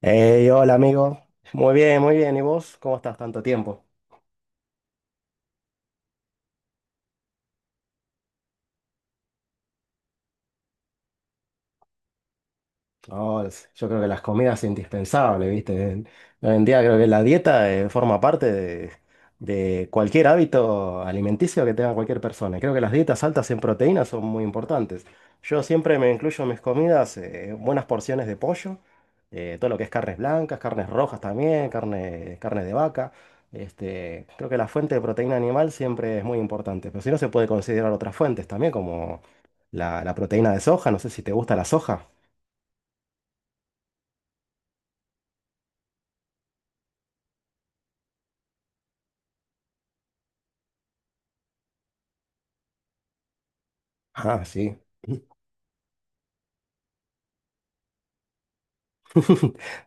Hey, hola amigo. Muy bien, muy bien. ¿Y vos? ¿Cómo estás? Tanto tiempo. No, yo creo que las comidas es indispensable, ¿viste? Hoy en día creo que la dieta forma parte de, cualquier hábito alimenticio que tenga cualquier persona. Y creo que las dietas altas en proteínas son muy importantes. Yo siempre me incluyo en mis comidas buenas porciones de pollo, todo lo que es carnes blancas, carnes rojas también, carne de vaca. Este, creo que la fuente de proteína animal siempre es muy importante, pero si no se puede considerar otras fuentes también, como la proteína de soja, no sé si te gusta la soja. Ah, sí.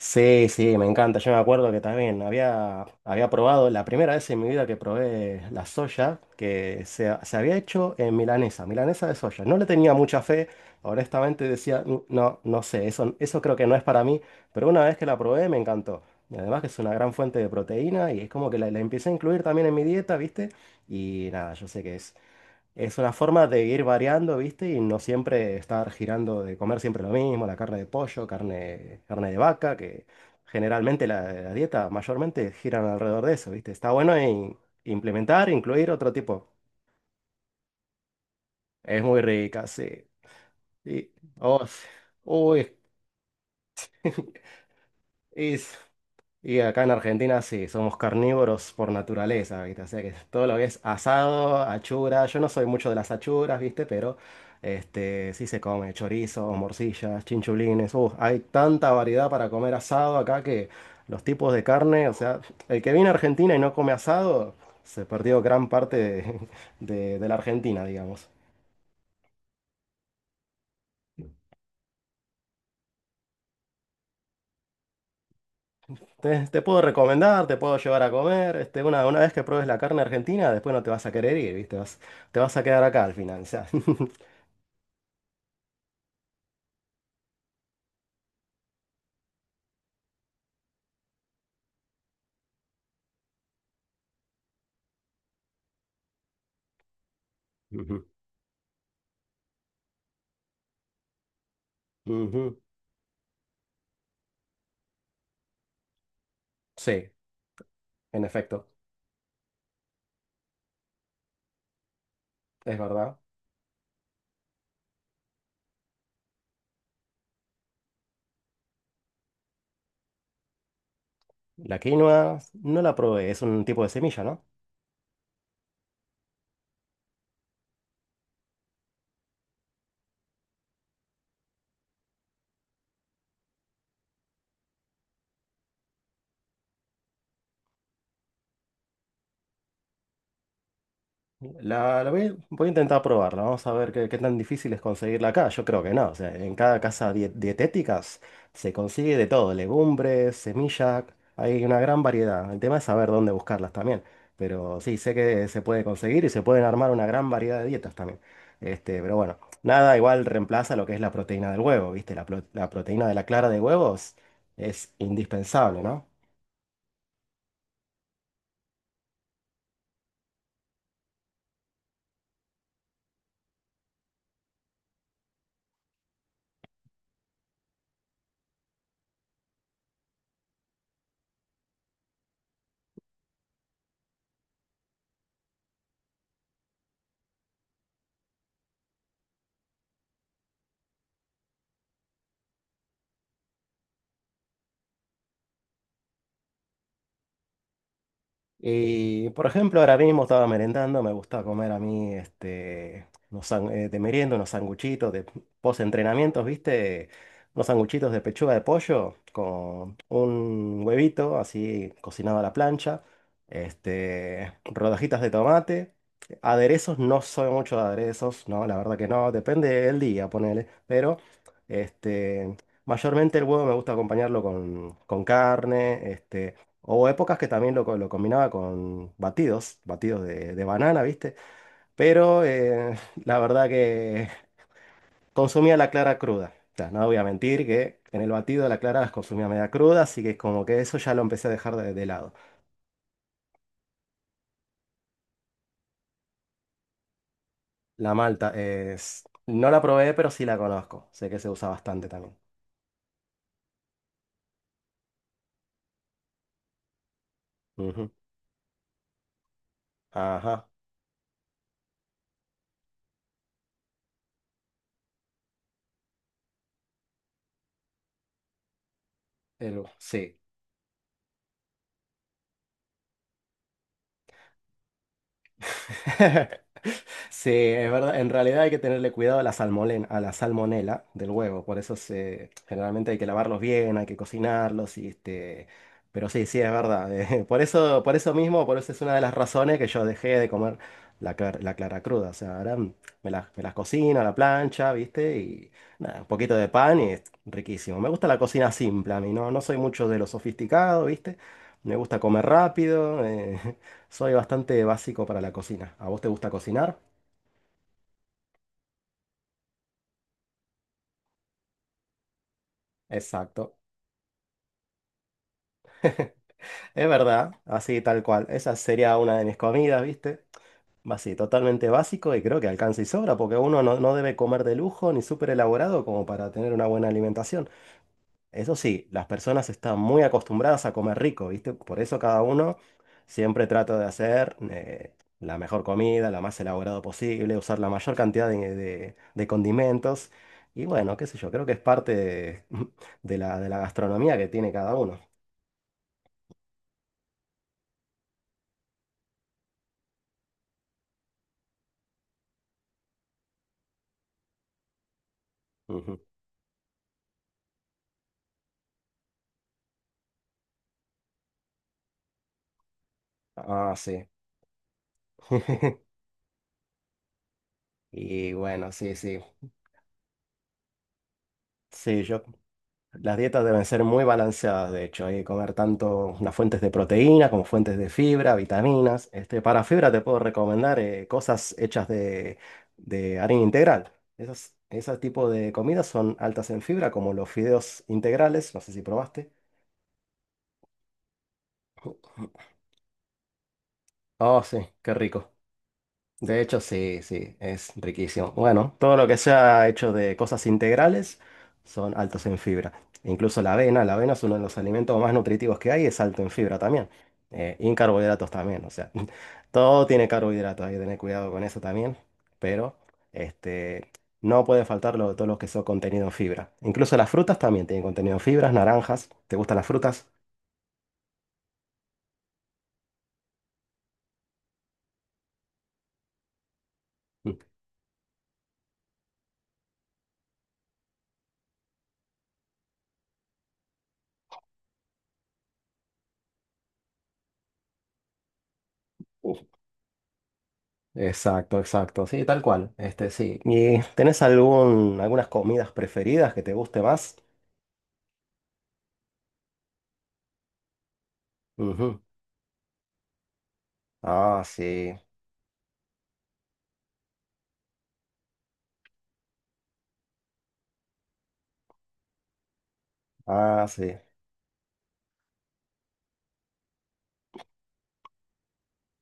Sí, sí, me encanta. Yo me acuerdo que también había probado, la primera vez en mi vida que probé la soya, que se había hecho en milanesa de soya. No le tenía mucha fe, honestamente decía: "Mm, no, no sé, eso creo que no es para mí", pero una vez que la probé me encantó. Y además que es una gran fuente de proteína y es como que la empecé a incluir también en mi dieta, ¿viste? Y nada, yo sé que es una forma de ir variando, ¿viste? Y no siempre estar girando de comer siempre lo mismo, la carne de pollo, carne de vaca, que generalmente la dieta mayormente giran alrededor de eso, ¿viste? Está bueno implementar, incluir otro tipo. Es muy rica, sí. Y, oh, sí. Uy, es, Y acá en Argentina sí, somos carnívoros por naturaleza, ¿viste? O sea que todo lo que es asado, achura, yo no soy mucho de las achuras, ¿viste? Pero este, sí se come chorizo, morcillas, chinchulines, hay tanta variedad para comer asado acá que los tipos de carne, o sea, el que viene a Argentina y no come asado, se perdió gran parte de la Argentina, digamos. Te puedo recomendar, te puedo llevar a comer. Este, una vez que pruebes la carne argentina, después no te vas a querer ir, ¿viste? Te vas a quedar acá al final. O sea. Ujú. Ujú. Sí, en efecto, es verdad. La quinoa no la probé, es un tipo de semilla, ¿no? La voy, a intentar probarla. Vamos a ver qué, tan difícil es conseguirla acá. Yo creo que no. O sea, en cada casa dietéticas se consigue de todo. Legumbres, semillas. Hay una gran variedad. El tema es saber dónde buscarlas también. Pero sí, sé que se puede conseguir y se pueden armar una gran variedad de dietas también. Este, pero bueno, nada igual reemplaza lo que es la proteína del huevo, ¿viste? La proteína de la clara de huevos es indispensable, ¿no? Y, por ejemplo, ahora mismo estaba merendando, me gusta comer a mí, este, de merienda, unos sanguchitos de post-entrenamientos, ¿viste? Unos sanguchitos de pechuga de pollo con un huevito así cocinado a la plancha, este, rodajitas de tomate. Aderezos, no soy mucho de aderezos, no, la verdad que no, depende del día, ponele, pero este, mayormente el huevo me gusta acompañarlo con, carne. Este, hubo épocas que también lo combinaba con batidos de, banana, ¿viste? Pero la verdad que consumía la clara cruda. O sea, no voy a mentir que en el batido de la clara las consumía media cruda, así que como que eso ya lo empecé a dejar de lado. La malta es... No la probé, pero sí la conozco. Sé que se usa bastante también. Ujú. Ajá. Sí. Sí, es verdad. En realidad hay que tenerle cuidado a la salmonela del huevo. Por eso se, generalmente hay que lavarlos bien, hay que cocinarlos. Y este, pero sí, sí, es verdad. Por eso, por eso mismo, por eso es una de las razones que yo dejé de comer la clara cruda. O sea, ahora me las cocino a la plancha, ¿viste? Y nada, un poquito de pan y es riquísimo. Me gusta la cocina simple a mí, ¿no? No soy mucho de lo sofisticado, ¿viste? Me gusta comer rápido. Soy bastante básico para la cocina. ¿A vos te gusta cocinar? Exacto. Es verdad, así tal cual. Esa sería una de mis comidas, ¿viste? Así, totalmente básico, y creo que alcanza y sobra porque uno no, no debe comer de lujo ni súper elaborado como para tener una buena alimentación. Eso sí, las personas están muy acostumbradas a comer rico, ¿viste? Por eso cada uno siempre trata de hacer la mejor comida, la más elaborada posible, usar la mayor cantidad de condimentos. Y bueno, qué sé yo, creo que es parte de la gastronomía que tiene cada uno. Ujú. Ah, sí. Y bueno, sí, sí. Sí, yo, las dietas deben ser muy balanceadas, de hecho. Hay que comer tanto las fuentes de proteína como fuentes de fibra, vitaminas. Este, para fibra te puedo recomendar cosas hechas de, harina integral. Ese tipo de comidas son altas en fibra, como los fideos integrales. No sé si probaste. Oh, sí, qué rico. De hecho, sí, sí, es riquísimo. Bueno, todo lo que sea hecho de cosas integrales son altos en fibra. Incluso la avena es uno de los alimentos más nutritivos que hay, es alto en fibra también. Y en carbohidratos también, o sea, todo tiene carbohidratos, hay que tener cuidado con eso también. Pero este, no puede faltar lo, todo lo que son contenido en fibra. Incluso las frutas también tienen contenido en fibras, naranjas. ¿Te gustan las frutas? Mm. Exacto, exacto. Sí, tal cual. Este, sí. ¿Y tenés algún, algunas comidas preferidas que te guste más? Ujú. Ah, sí. Ah, sí.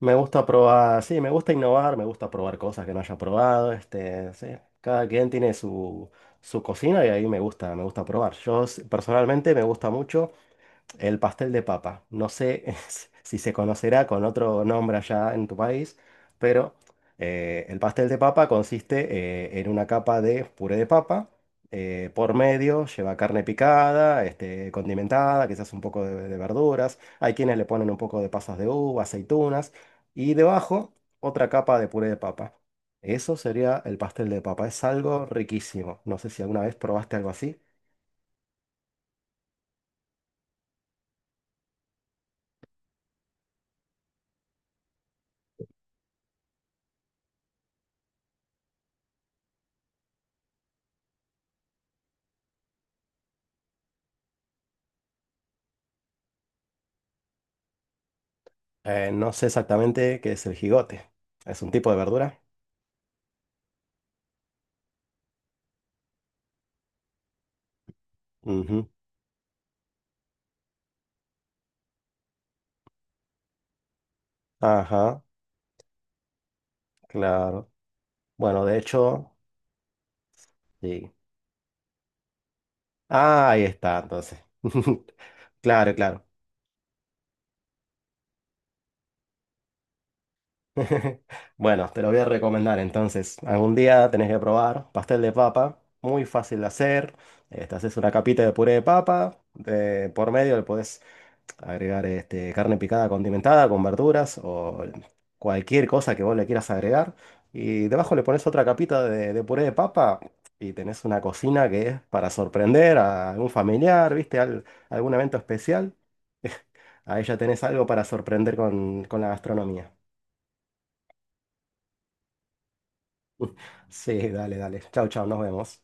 Me gusta probar, sí, me gusta innovar, me gusta probar cosas que no haya probado. Este, sí. Cada quien tiene su, cocina, y ahí me gusta probar. Personalmente me gusta mucho el pastel de papa. No sé si se conocerá con otro nombre allá en tu país, pero el pastel de papa consiste en una capa de puré de papa. Eh, por medio lleva carne picada, este, condimentada, quizás un poco de, verduras. Hay quienes le ponen un poco de pasas de uva, aceitunas. Y debajo otra capa de puré de papa. Eso sería el pastel de papa. Es algo riquísimo. No sé si alguna vez probaste algo así. No sé exactamente qué es el jigote. ¿Es un tipo de verdura? Ujú. Ajá, claro. Bueno, de hecho, sí. Ah, ahí está, entonces. Claro, claro. Bueno, te lo voy a recomendar entonces. Algún día tenés que probar pastel de papa, muy fácil de hacer. Te haces una capita de puré de papa, por medio le podés agregar este, carne picada condimentada con verduras o cualquier cosa que vos le quieras agregar. Y debajo le pones otra capita de, puré de papa, y tenés una cocina que es para sorprender a algún familiar, ¿viste? Algún evento especial. Ahí ya tenés algo para sorprender con, la gastronomía. Sí, dale, dale. Chau, chau, nos vemos.